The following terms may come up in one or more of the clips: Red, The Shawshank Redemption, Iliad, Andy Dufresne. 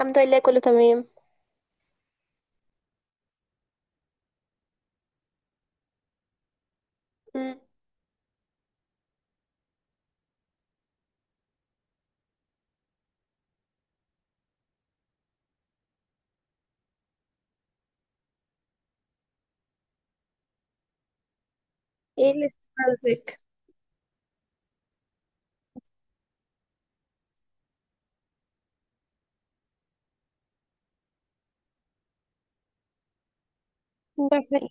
الحمد لله، كله تمام. مم. ايه اللي استفزك؟ ده حقيقي.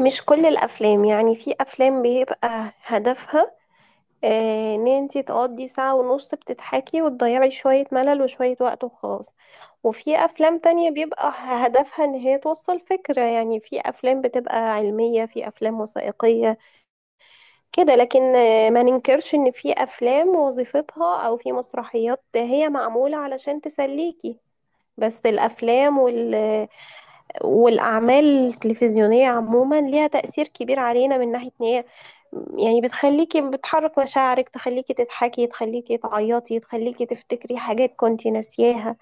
مش كل الافلام، يعني في افلام بيبقى هدفها ان انتي تقضي ساعة ونص بتضحكي وتضيعي شوية ملل وشوية وقت وخلاص. وفي افلام تانية بيبقى هدفها ان هي توصل فكرة، يعني في افلام بتبقى علمية، في افلام وثائقية كده. لكن ما ننكرش ان في افلام وظيفتها، او في مسرحيات هي معمولة علشان تسليكي. بس الافلام والأعمال التلفزيونية عموما ليها تأثير كبير علينا، من ناحية إن هي يعني بتخليكي بتحرك مشاعرك، تخليكي تضحكي، تخليكي تعيطي، تخليكي تفتكري حاجات كنتي ناسياها.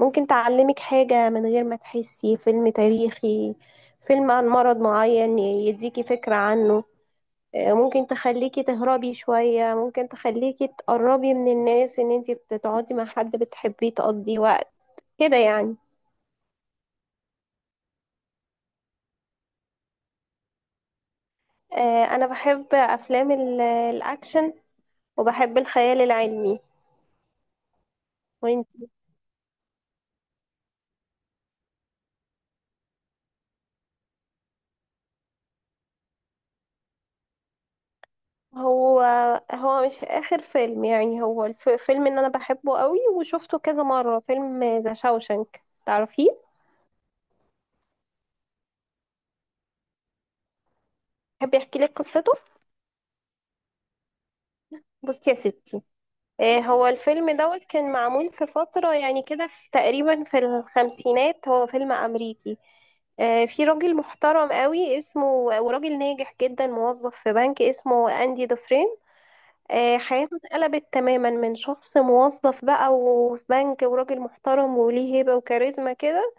ممكن تعلمك حاجة من غير ما تحسي، فيلم تاريخي، فيلم عن مرض معين يديكي فكرة عنه. ممكن تخليكي تهربي شوية، ممكن تخليكي تقربي من الناس، ان انتي بتقعدي مع حد بتحبيه تقضي وقت كده يعني. انا بحب افلام الاكشن، وبحب الخيال العلمي. وانتي؟ هو هو مش آخر فيلم، يعني هو الفيلم اللي أنا بحبه قوي وشفته كذا مرة. فيلم ذا شاوشنك، تعرفيه؟ بحب يحكي لك قصته. بصي يا ستي. هو الفيلم كان معمول في فترة يعني كده، في تقريبا في الخمسينات. هو فيلم أمريكي. في راجل محترم قوي اسمه، وراجل ناجح جدا، موظف في بنك، اسمه أندي دوفرين. حياته اتقلبت تماما، من شخص موظف بقى وفي بنك، وراجل محترم وليه هيبة وكاريزما كده.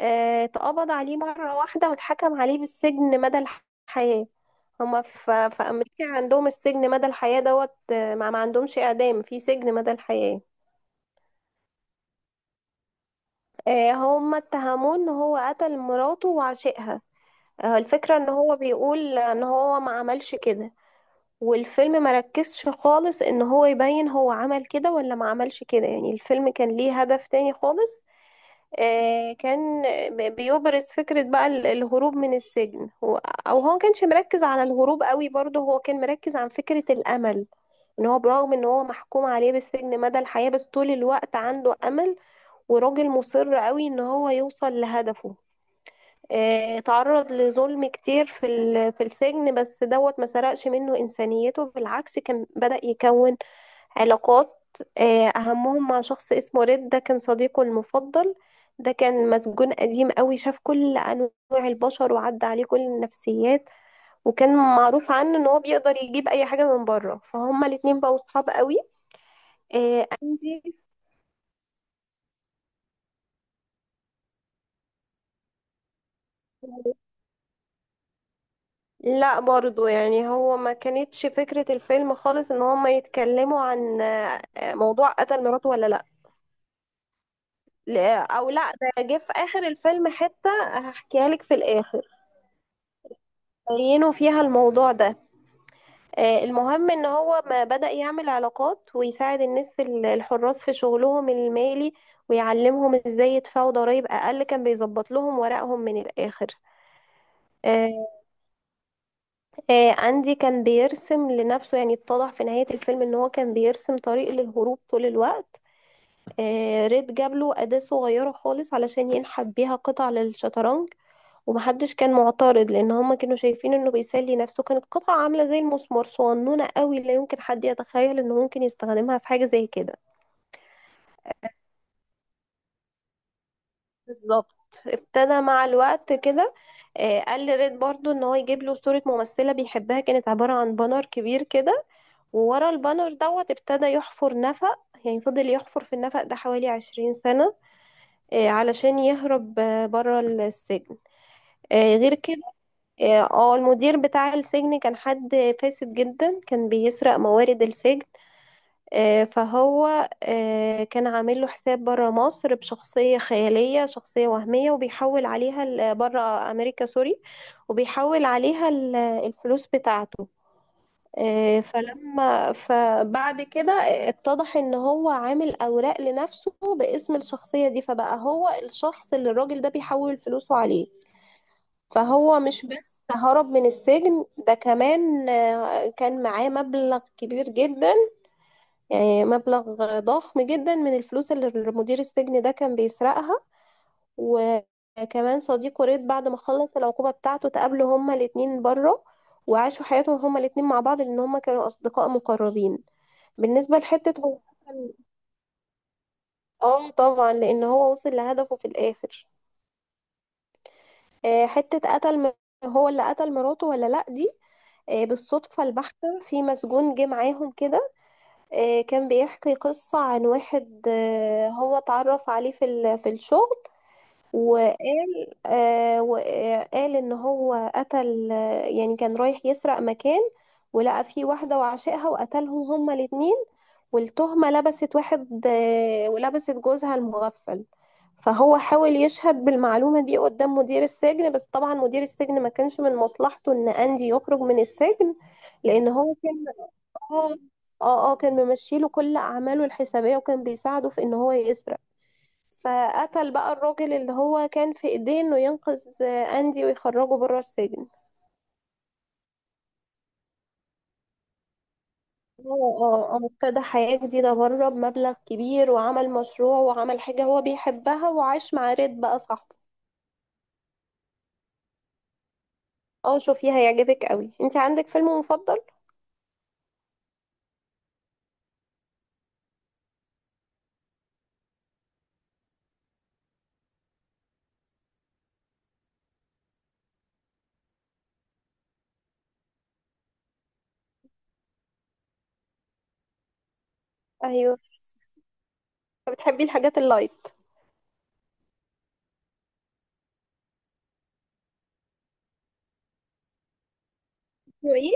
اتقبض عليه مرة واحدة، واتحكم عليه بالسجن مدى الحياة. هما في أمريكا عندهم السجن مدى الحياة. ما عندهمش إعدام في سجن مدى الحياة. هما اتهموه إن هو قتل مراته وعشقها. الفكرة إن هو بيقول إن هو ما عملش كده. والفيلم مركزش خالص ان هو يبين هو عمل كده ولا ما عملش كده، يعني الفيلم كان ليه هدف تاني خالص. كان بيبرز فكرة بقى الهروب من السجن. هو كانش مركز على الهروب قوي، برضه هو كان مركز عن فكرة الامل. ان هو، برغم ان هو محكوم عليه بالسجن مدى الحياة، بس طول الوقت عنده امل. وراجل مصر قوي ان هو يوصل لهدفه. اتعرض لظلم كتير في السجن، بس ما سرقش منه إنسانيته. بالعكس، كان بدأ يكون علاقات. أهمهم مع شخص اسمه ريد، ده كان صديقه المفضل. ده كان مسجون قديم قوي، شاف كل أنواع البشر وعدى عليه كل النفسيات. وكان معروف عنه إن هو بيقدر يجيب أي حاجة من بره، فهما الاتنين بقوا صحاب قوي. أندي. لا برضو، يعني هو ما كانتش فكرة الفيلم خالص ان هما يتكلموا عن موضوع قتل مراته ولا لا. او لا، ده جه في اخر الفيلم حتة هحكيها لك في الاخر، بينوا فيها الموضوع ده. المهم ان هو ما بدأ يعمل علاقات ويساعد الناس الحراس في شغلهم المالي، ويعلمهم ازاي يدفعوا ضرائب اقل، كان بيظبط لهم ورقهم من الاخر. آه، أندي كان بيرسم لنفسه، يعني اتضح في نهاية الفيلم ان هو كان بيرسم طريق للهروب طول الوقت. ريد جاب له أداة صغيرة خالص علشان ينحت بيها قطع للشطرنج. ومحدش كان معترض، لان هما كانوا شايفين انه بيسلي نفسه. كانت قطعة عاملة زي المسمار، صغنونة قوي، لا يمكن حد يتخيل انه ممكن يستخدمها في حاجة زي كده. بالظبط. ابتدى مع الوقت كده. قال لريد برضو ان هو يجيب له صورة ممثلة بيحبها، كانت عبارة عن بانر كبير كده. وورا البانر ابتدى يحفر نفق. يعني فضل يحفر في النفق ده حوالي 20 سنة، علشان يهرب بره السجن. غير كده. المدير بتاع السجن كان حد فاسد جدا، كان بيسرق موارد السجن. فهو كان عامل له حساب بره مصر بشخصية خيالية، شخصية وهمية، وبيحول عليها بره أمريكا، سوري، وبيحول عليها الفلوس بتاعته. فبعد كده اتضح ان هو عامل اوراق لنفسه باسم الشخصية دي، فبقى هو الشخص اللي الراجل ده بيحول فلوسه عليه. فهو مش بس هرب من السجن، ده كمان كان معاه مبلغ كبير جدا، يعني مبلغ ضخم جدا من الفلوس اللي مدير السجن ده كان بيسرقها. وكمان صديقه ريد، بعد ما خلص العقوبة بتاعته، تقابلوا هما الاتنين بره، وعاشوا حياتهم هما الاتنين مع بعض، لأن هما كانوا أصدقاء مقربين. بالنسبة لحتة هو قتل. اه طبعا، لان هو وصل لهدفه في الاخر. حتة قتل هو اللي قتل مراته ولا لا دي. بالصدفة البحتة، في مسجون جه معاهم كده. كان بيحكي قصة عن واحد، هو اتعرف عليه في الشغل. وقال ان هو قتل. يعني كان رايح يسرق مكان، ولقى فيه واحدة وعشقها، وقتلهم هما الاتنين. والتهمة لبست واحد، ولبست جوزها المغفل. فهو حاول يشهد بالمعلومة دي قدام مدير السجن، بس طبعا مدير السجن ما كانش من مصلحته ان اندي يخرج من السجن. لان هو كان اه كان ممشيله كل اعماله الحسابية، وكان بيساعده في ان هو يسرق. فقتل بقى الراجل اللي هو كان في ايديه انه ينقذ اندي ويخرجه بره السجن. هو ابتدى حياة جديدة بره بمبلغ كبير، وعمل مشروع، وعمل حاجة هو بيحبها، وعاش مع ريد بقى صاحبه. اه، شوفيه، هيعجبك قوي. انت عندك فيلم مفضل؟ ايوه، بتحبي الحاجات اللايت. هو ايه؟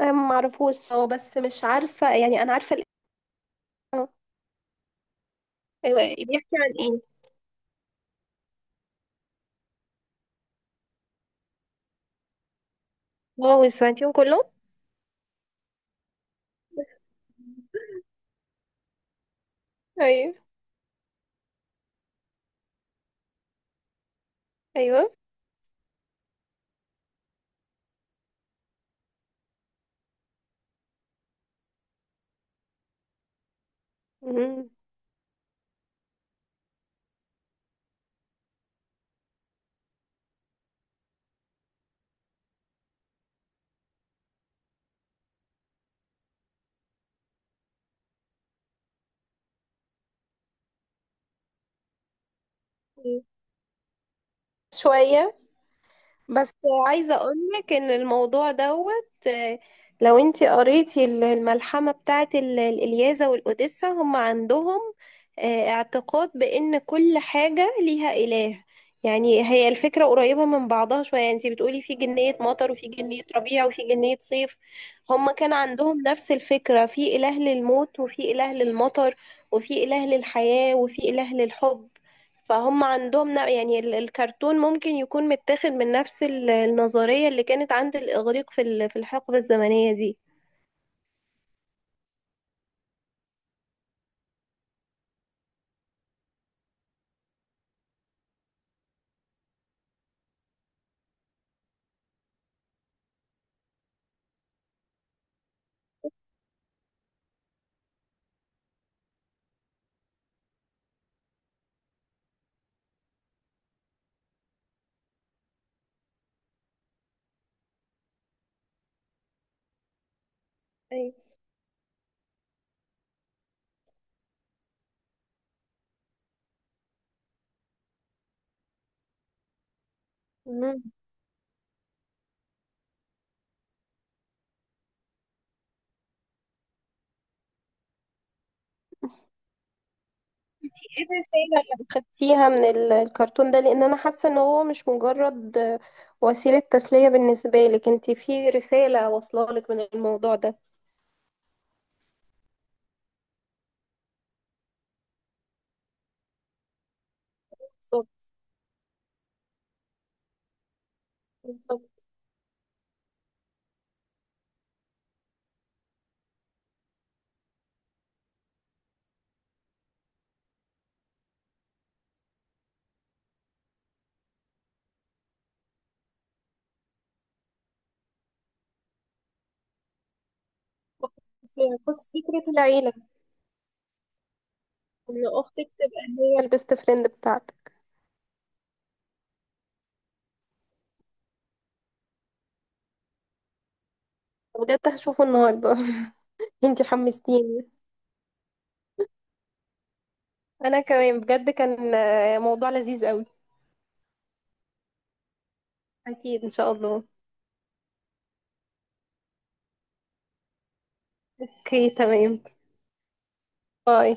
معرفوش هو، بس مش عارفة يعني، انا عارفة اه ايوه، بيحكي عن ايه؟ واو، سمعتيهم كلهم؟ ايوه، ايوه. مم. شوية بس. عايزة أقولك إن الموضوع لو انتي قريتي الملحمة بتاعت الإلياذة والأوديسة، هم عندهم اعتقاد بإن كل حاجة ليها إله. يعني هي الفكرة قريبة من بعضها شوية، يعني انتي بتقولي في جنية مطر، وفي جنية ربيع، وفي جنية صيف. هم كان عندهم نفس الفكرة، في إله للموت، وفي إله للمطر، وفي إله للحياة، وفي إله للحب. فهم عندهم يعني الكرتون ممكن يكون متاخد من نفس النظرية اللي كانت عند الإغريق في الحقبة الزمنية دي. أيوة. مم. دي ايه الرسالة اللي أخدتيها من الكرتون ده؟ لأن أنا حاسة إن هو مش مجرد وسيلة تسلية بالنسبة لك. انتي في رسالة واصلة لك من الموضوع ده؟ بالظبط، بالظبط. بس فكرة العيلة، إن أختك تبقى هي البيست فريند بتاعتك. بجد هشوفه النهاردة. انتي حمستيني. انا كمان، بجد كان موضوع لذيذ قوي. اكيد، ان شاء الله. اوكي، تمام. باي.